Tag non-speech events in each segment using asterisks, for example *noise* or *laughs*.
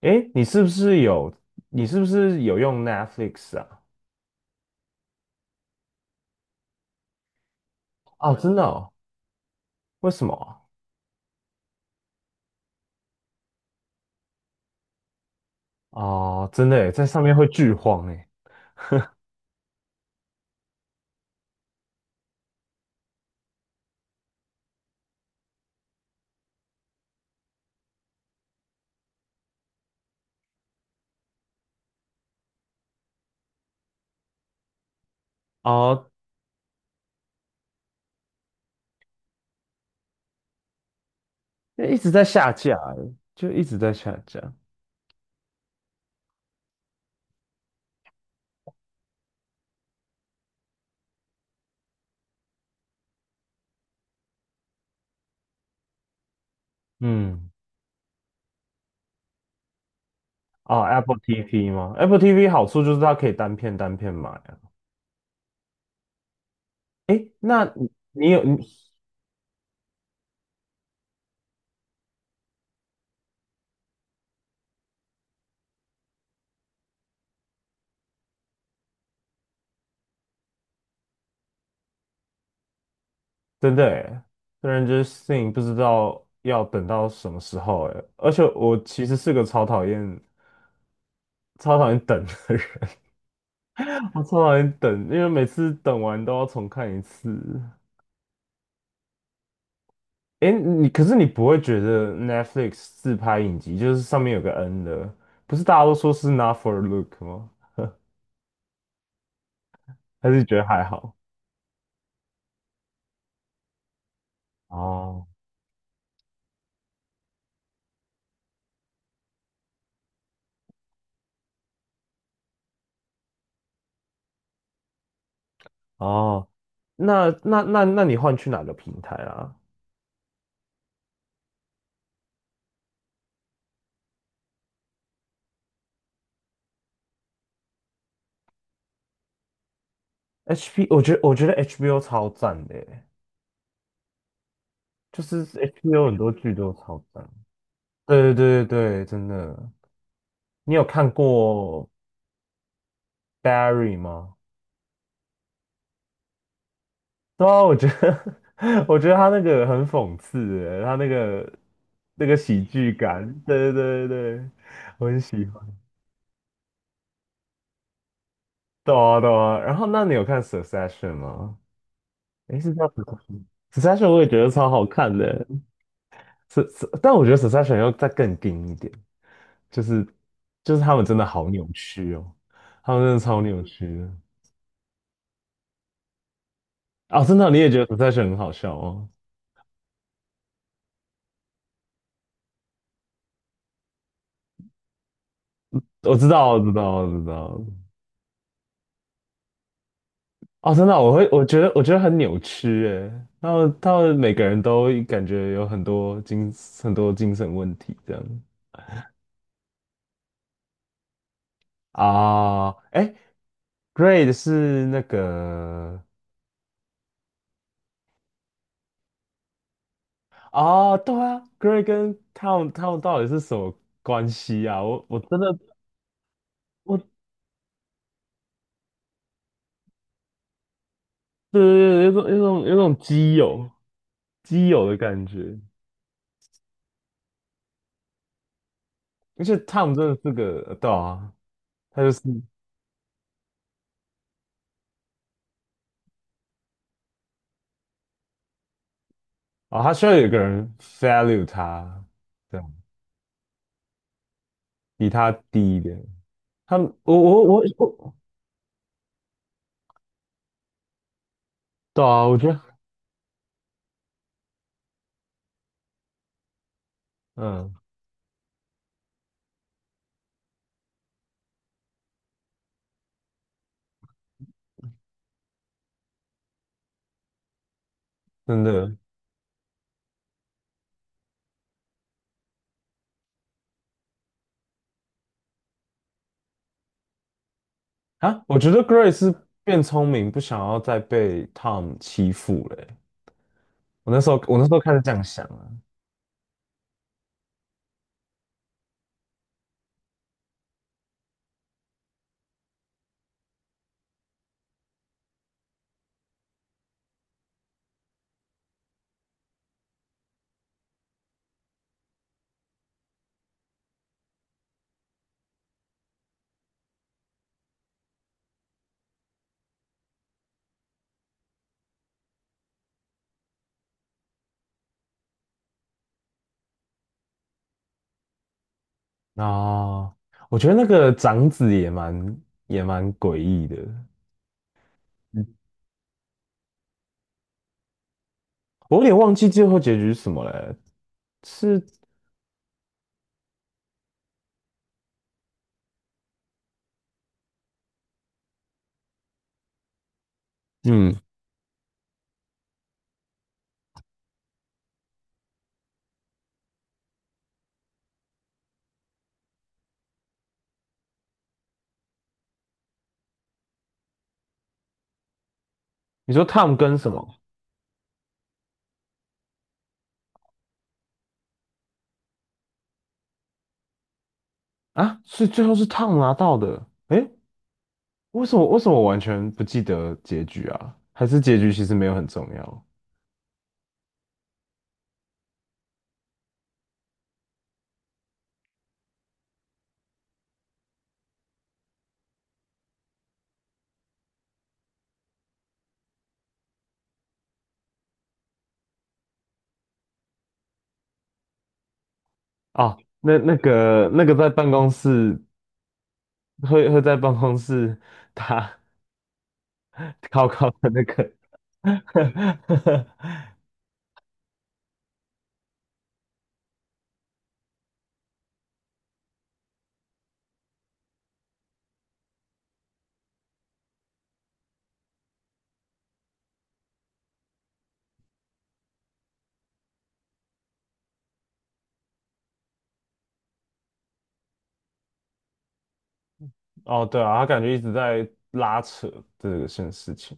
诶，你是不是有用 Netflix 啊？哦，真的哦？为什么啊？哦，真的诶，在上面会剧荒诶。哦，一直在下架诶，就一直在下架。嗯。哦，Apple TV 吗？Apple TV 好处就是它可以单片单片买啊。诶，那你你有你真的诶，虽然就是 Thing 不知道要等到什么时候诶，而且我其实是个超讨厌等的人。我超讨厌等，因为每次等完都要重看一次。哎，可是你不会觉得 Netflix 自拍影集就是上面有个 N 的，不是大家都说是 Not for Look 吗？还是你觉得还好？哦。哦，那你换去哪个平台啊？ 我觉得 HBO 超赞的耶，就是 HBO 很多剧都超赞。对对对对对，真的。你有看过 Barry 吗？对啊，我觉得 *laughs* 我觉得他那个很讽刺欸，他那个喜剧感，对对对对，我很喜欢。对啊对啊，然后那你有看《Succession》吗？诶，是叫《Succession》，《Succession》我也觉得超好看的，是是，但我觉得《Succession》要再更硬一点，就是就是他们真的好扭曲哦，他们真的超扭曲的。哦，真的，你也觉得《Succession》很好笑哦？我知道，我知道，我知道。哦，真的啊我觉得很扭曲诶，然后他们每个人都感觉有很多精神问题这样。啊，哎 g r a d 是那个。啊，对啊 g r a d 跟 Tom 到底是什么关系啊？我真的我对对对，有种基友的感觉，而且 Tom 真的是个对啊，他就是啊、哦他需要有一个人 value 他，这样比他低一点。他们，我，对啊，我觉得，嗯，真的啊，我觉得 Grace 是变聪明，不想要再被 Tom 欺负了欸。我那时候开始这样想啊。啊，我觉得那个长子也蛮诡异的。嗯我有点忘记最后结局是什么嘞。是，嗯，你说 Tom 跟什么？啊？是最后是 Tom 拿到的？诶，为什么我完全不记得结局啊？还是结局其实没有很重要？哦，那那个在办公室会在办公室打 *laughs* 考考的那个 *laughs*，哦，对啊，他感觉一直在拉扯这个件事情。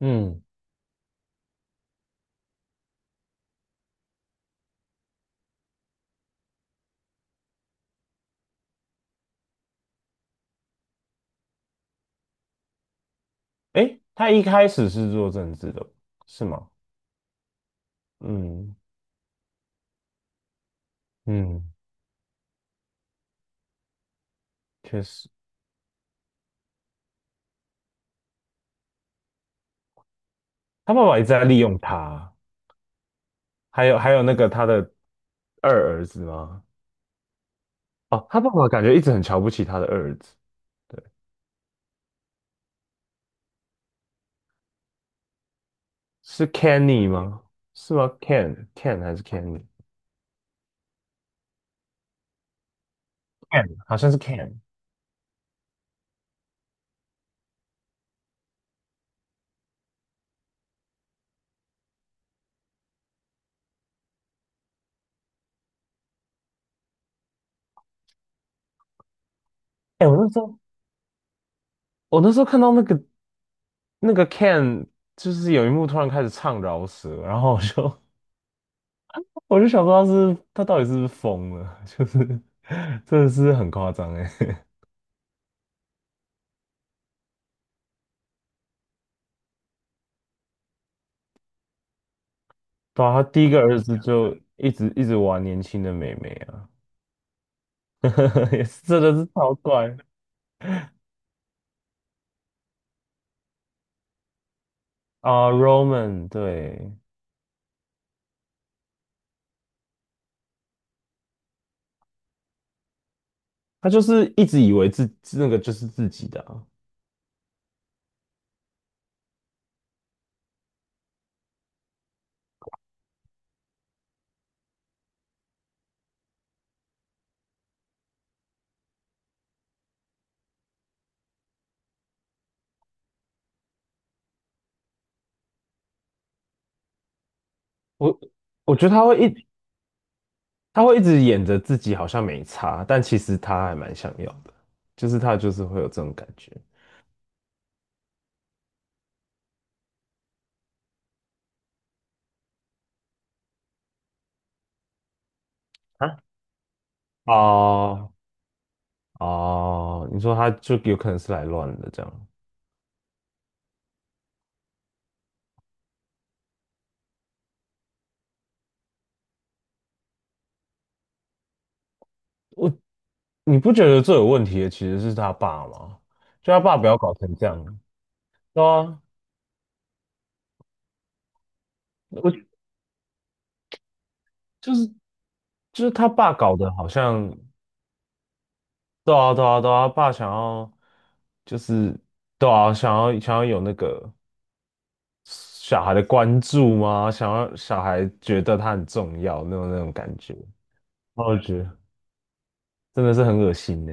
嗯。诶，他一开始是做政治的，是吗？嗯。嗯，确实。他爸爸一直在利用他，还有那个他的二儿子吗？哦，他爸爸感觉一直很瞧不起他的二儿子。是 Kenny 吗？是吗？Ken Ken 还是 Kenny？Can，好像是 Can。哎、我那时候看到那个 Can，就是有一幕突然开始唱饶舌，然后我就 *laughs* 我就想说他到底是不是疯了，*laughs* 就是真的是很夸张哎。*laughs* 对啊，他第一个儿子就一直一直玩年轻的妹妹啊，*laughs* 也是真的是超怪。啊，Roman，对，他就是一直以为自那个就是自己的啊。我我觉得他会一直演着自己好像没差，但其实他还蛮想要的，他就是会有这种感觉。啊，哦哦，你说他就有可能是来乱的这样。我你不觉得最有问题的其实是他爸吗？就他爸不要搞成这样，对啊，我就是就是他爸搞得好像，对啊对啊对啊，他爸想要就是对啊，想要有那个小孩的关注吗？想要小孩觉得他很重要那种感觉。那我觉得真的是很恶心呢。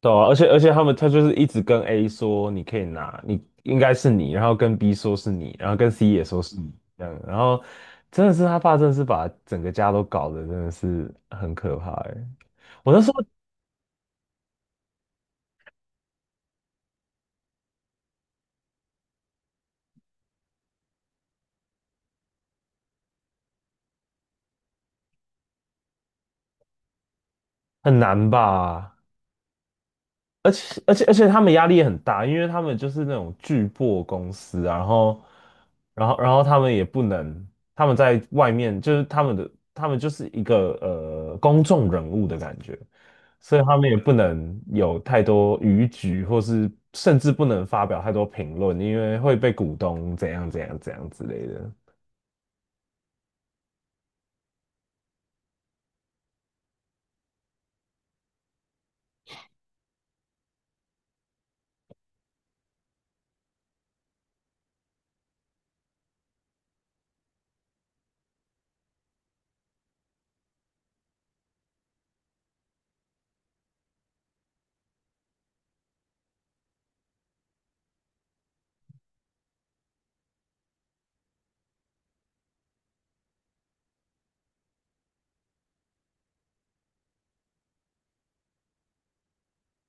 对啊，而且他就是一直跟 A 说你可以拿，你应该是你，然后跟 B 说是你，然后跟 C 也说是你这样，然后真的是他爸真的是把整个家都搞得真的是很可怕哎。我那时候很难吧？而且他们压力也很大，因为他们就是那种巨破公司啊，然后他们也不能，他们在外面就是他们就是一个公众人物的感觉，所以他们也不能有太多逾矩，或是甚至不能发表太多评论，因为会被股东怎样怎样怎样之类的。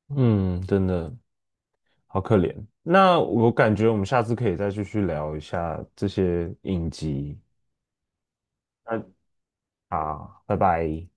嗯，真的好可怜。那我感觉我们下次可以再继续聊一下这些影集。那。好，拜拜。